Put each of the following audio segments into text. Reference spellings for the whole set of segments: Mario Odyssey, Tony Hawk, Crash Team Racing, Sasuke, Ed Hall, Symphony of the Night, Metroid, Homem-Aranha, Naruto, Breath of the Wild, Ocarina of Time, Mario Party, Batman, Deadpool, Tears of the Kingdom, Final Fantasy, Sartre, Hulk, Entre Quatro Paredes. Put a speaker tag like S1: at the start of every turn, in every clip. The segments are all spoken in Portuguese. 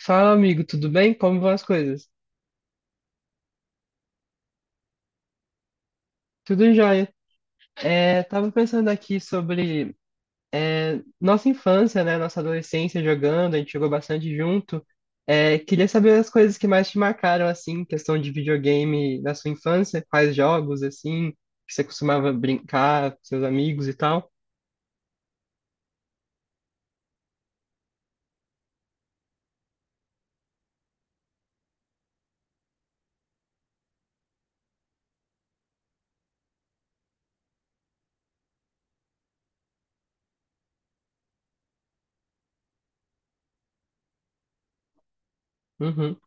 S1: Fala, amigo, tudo bem? Como vão as coisas? Tudo jóia. É, tava pensando aqui sobre nossa infância, né? Nossa adolescência jogando, a gente jogou bastante junto. É, queria saber as coisas que mais te marcaram, assim, questão de videogame da sua infância, quais jogos, assim, que você costumava brincar com seus amigos e tal. Uhum,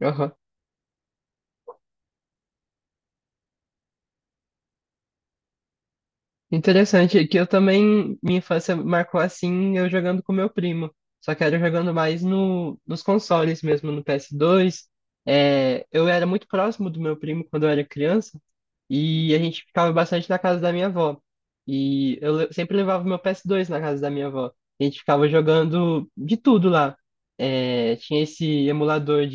S1: aham. Interessante, é que eu também, minha infância marcou assim, eu jogando com meu primo. Só que era jogando mais no, nos consoles mesmo, no PS2. É, eu era muito próximo do meu primo quando eu era criança e a gente ficava bastante na casa da minha avó. E eu le- sempre levava meu PS2 na casa da minha avó. A gente ficava jogando de tudo lá. É, tinha esse emulador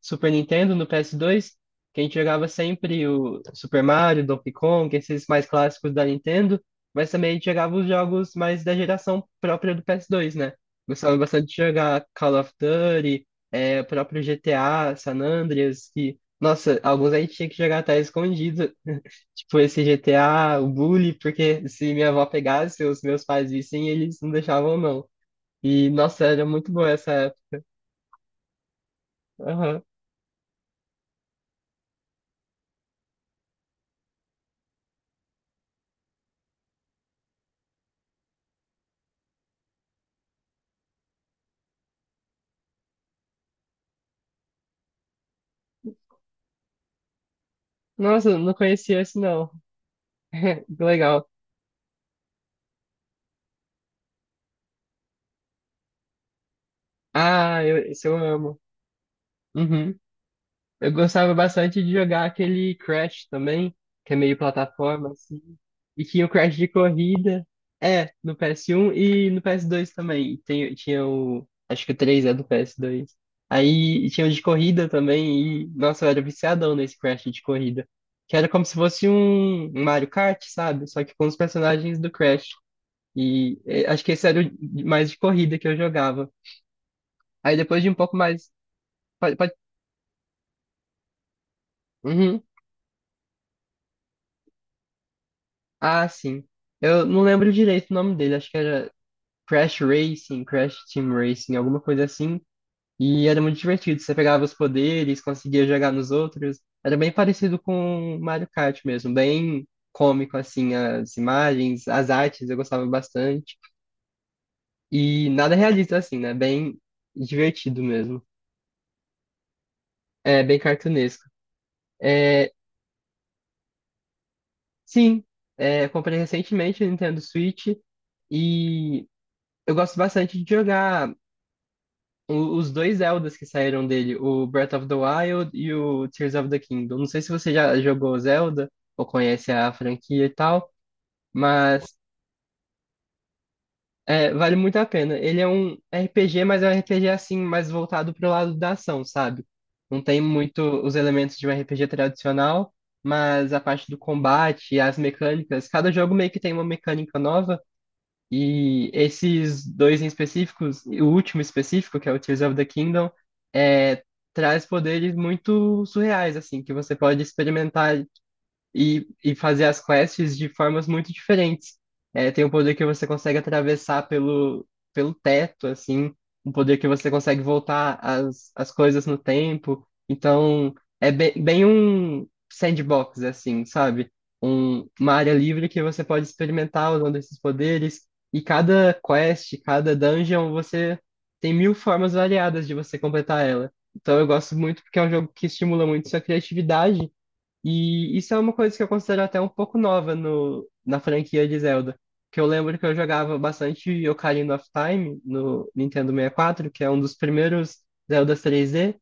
S1: Super Nintendo, no PS2, que a gente jogava sempre o Super Mario, Donkey Kong, esses mais clássicos da Nintendo, mas também a gente jogava os jogos mais da geração própria do PS2, né? Gostava bastante de jogar Call of Duty, é, o próprio GTA, San Andreas, que, nossa, alguns a gente tinha que jogar até escondido, tipo esse GTA, o Bully, porque se minha avó pegasse, os meus pais vissem, eles não deixavam não. E, nossa, era muito boa essa época. Aham. Nossa, não conhecia esse não. Que legal. Ah, eu, isso eu amo. Uhum. Eu gostava bastante de jogar aquele Crash também, que é meio plataforma, assim. E tinha o Crash de corrida. É, no PS1 e no PS2 também. Tem, tinha o. Acho que o 3 é do PS2. Aí tinha o de corrida também. E, nossa, eu era viciadão nesse Crash de corrida. Que era como se fosse um Mario Kart, sabe? Só que com os personagens do Crash. E eh, acho que esse era o de- mais de corrida que eu jogava. Aí depois de um pouco mais. Pode, pode... Uhum. Ah, sim. Eu não lembro direito o nome dele, acho que era Crash Racing, Crash Team Racing, alguma coisa assim. E era muito divertido, você pegava os poderes, conseguia jogar nos outros. Era bem parecido com Mario Kart mesmo, bem cômico, assim, as imagens, as artes, eu gostava bastante. E nada realista, assim, né? Bem divertido mesmo. É, bem cartunesco. É, sim, é, eu comprei recentemente o Nintendo Switch e eu gosto bastante de jogar. O- os dois Zeldas que saíram dele, o Breath of the Wild e o Tears of the Kingdom. Não sei se você já jogou Zelda ou conhece a franquia e tal, mas é, vale muito a pena. Ele é um RPG, mas é um RPG assim, mais voltado pro lado da ação, sabe? Não tem muito os elementos de um RPG tradicional, mas a parte do combate, as mecânicas, cada jogo meio que tem uma mecânica nova. E esses dois em específicos, e o último específico, que é o Tears of the Kingdom, é, traz poderes muito surreais, assim, que você pode experimentar e fazer as quests de formas muito diferentes. É, tem um poder que você consegue atravessar pelo, pelo teto, assim, um poder que você consegue voltar as, as coisas no tempo. Então, é bem, bem um sandbox, assim, sabe? Um, uma área livre que você pode experimentar usando esses poderes. E cada quest, cada dungeon, você tem mil formas variadas de você completar ela. Então, eu gosto muito porque é um jogo que estimula muito sua criatividade e isso é uma coisa que eu considero até um pouco nova no, na franquia de Zelda. Que eu lembro que eu jogava bastante Ocarina of Time no Nintendo 64, que é um dos primeiros Zeldas 3D,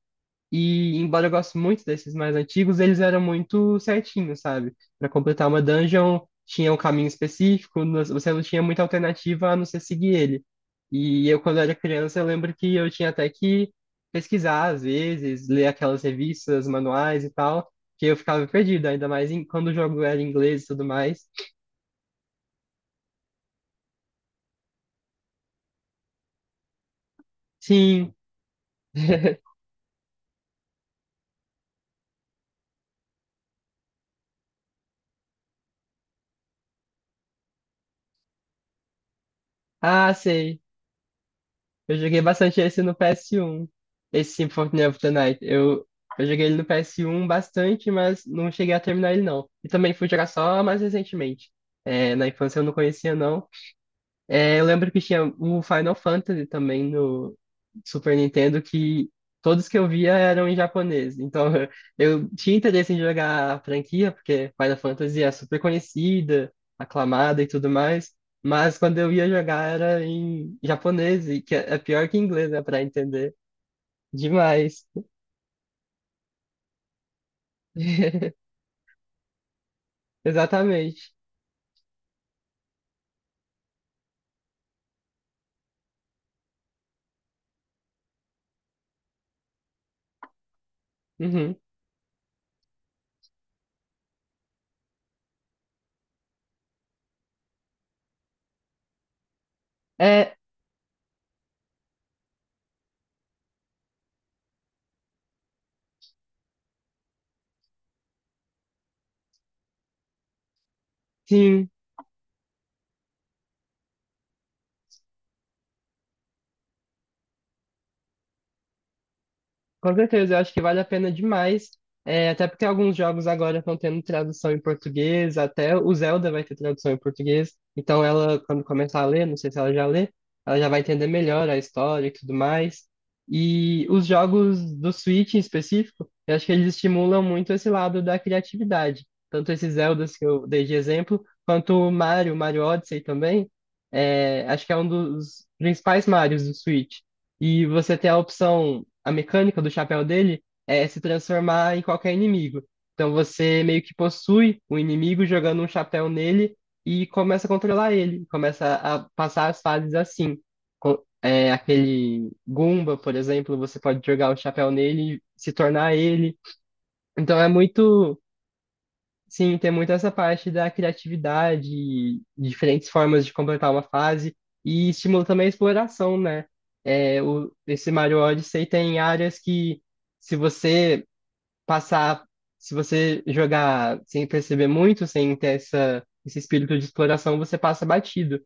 S1: e embora eu goste muito desses mais antigos, eles eram muito certinhos, sabe? Para completar uma dungeon, tinha um caminho específico, não- você não tinha muita alternativa a não ser seguir ele. E eu, quando era criança, eu lembro que eu tinha até que pesquisar, às vezes, ler aquelas revistas, manuais e tal, que eu ficava perdido, ainda mais em- quando o jogo era em inglês e tudo mais. Sim, ah, sei. Eu joguei bastante esse no PS1. Esse Symphony of the Night. Eu joguei ele no PS1 bastante, mas não cheguei a terminar ele, não. E também fui jogar só mais recentemente. É, na infância eu não conhecia, não. É, eu lembro que tinha um Final Fantasy também no Super Nintendo que todos que eu via eram em japonês. Então eu tinha interesse em jogar a franquia, porque Final Fantasy é super conhecida, aclamada e tudo mais. Mas quando eu ia jogar era em japonês, e que é pior que inglês, né, pra entender. Demais. Exatamente. Uhum. É, sim. Com certeza, eu acho que vale a pena demais. É, até porque alguns jogos agora estão tendo tradução em português, até o Zelda vai ter tradução em português. Então ela, quando começar a ler, não sei se ela já lê, ela já vai entender melhor a história e tudo mais. E os jogos do Switch em específico, eu acho que eles estimulam muito esse lado da criatividade. Tanto esses Zeldas que eu dei de exemplo, quanto o Mario, Mario Odyssey também. É, acho que é um dos principais Marios do Switch. E você tem a opção a mecânica do chapéu dele é se transformar em qualquer inimigo. Então você meio que possui o inimigo jogando um chapéu nele e começa a controlar ele, começa a passar as fases assim. Co- É, aquele Goomba, por exemplo, você pode jogar o chapéu nele e se tornar ele. Então é muito. Sim, tem muito essa parte da criatividade, diferentes formas de completar uma fase e estimula também a exploração, né? É, o, esse Mario Odyssey tem áreas que, se você passar, se você jogar sem perceber muito, sem ter essa, esse espírito de exploração, você passa batido.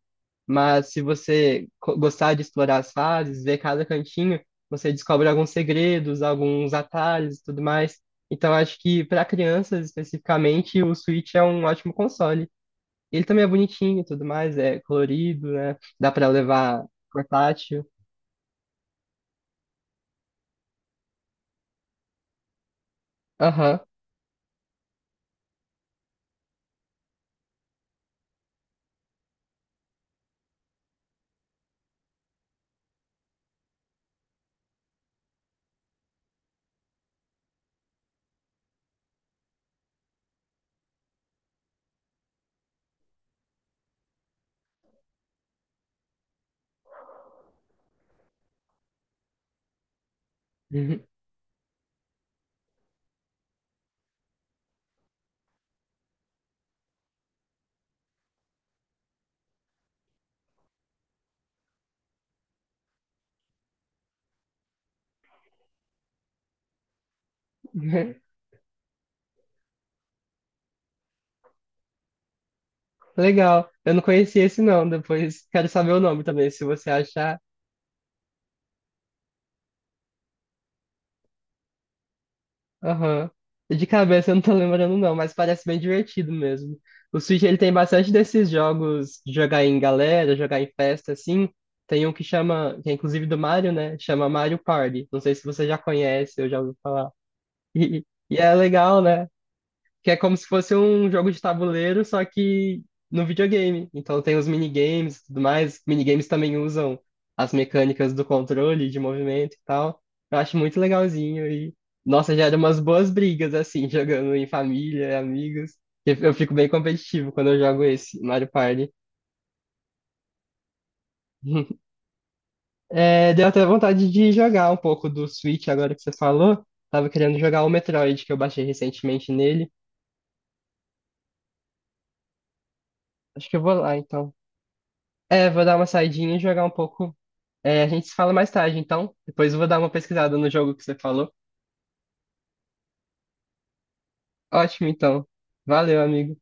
S1: Mas se você co- gostar de explorar as fases, ver cada cantinho, você descobre alguns segredos, alguns atalhos e tudo mais. Então acho que para crianças especificamente, o Switch é um ótimo console. Ele também é bonitinho e tudo mais, é colorido, né? Dá para levar portátil. Aham. Legal. Eu não conhecia esse não, depois quero saber o nome também, se você achar. Aham. De cabeça eu não tô lembrando, não, mas parece bem divertido mesmo. O Switch ele tem bastante desses jogos de jogar em galera, jogar em festa, assim. Tem um que chama, que é inclusive do Mario, né? Chama Mario Party. Não sei se você já conhece ou já ouviu falar. E, e é legal, né? Que é como se fosse um jogo de tabuleiro, só que no videogame. Então tem os minigames e tudo mais. Minigames também usam as mecânicas do controle, de movimento e tal. Eu acho muito legalzinho e, nossa, gera umas boas brigas, assim, jogando em família, amigos. Eu fico bem competitivo quando eu jogo esse Mario Party. É, deu até vontade de jogar um pouco do Switch agora que você falou. Tava querendo jogar o Metroid, que eu baixei recentemente nele. Acho que eu vou lá, então. É, vou dar uma saidinha e jogar um pouco. É, a gente se fala mais tarde, então. Depois eu vou dar uma pesquisada no jogo que você falou. Ótimo, então. Valeu, amigo.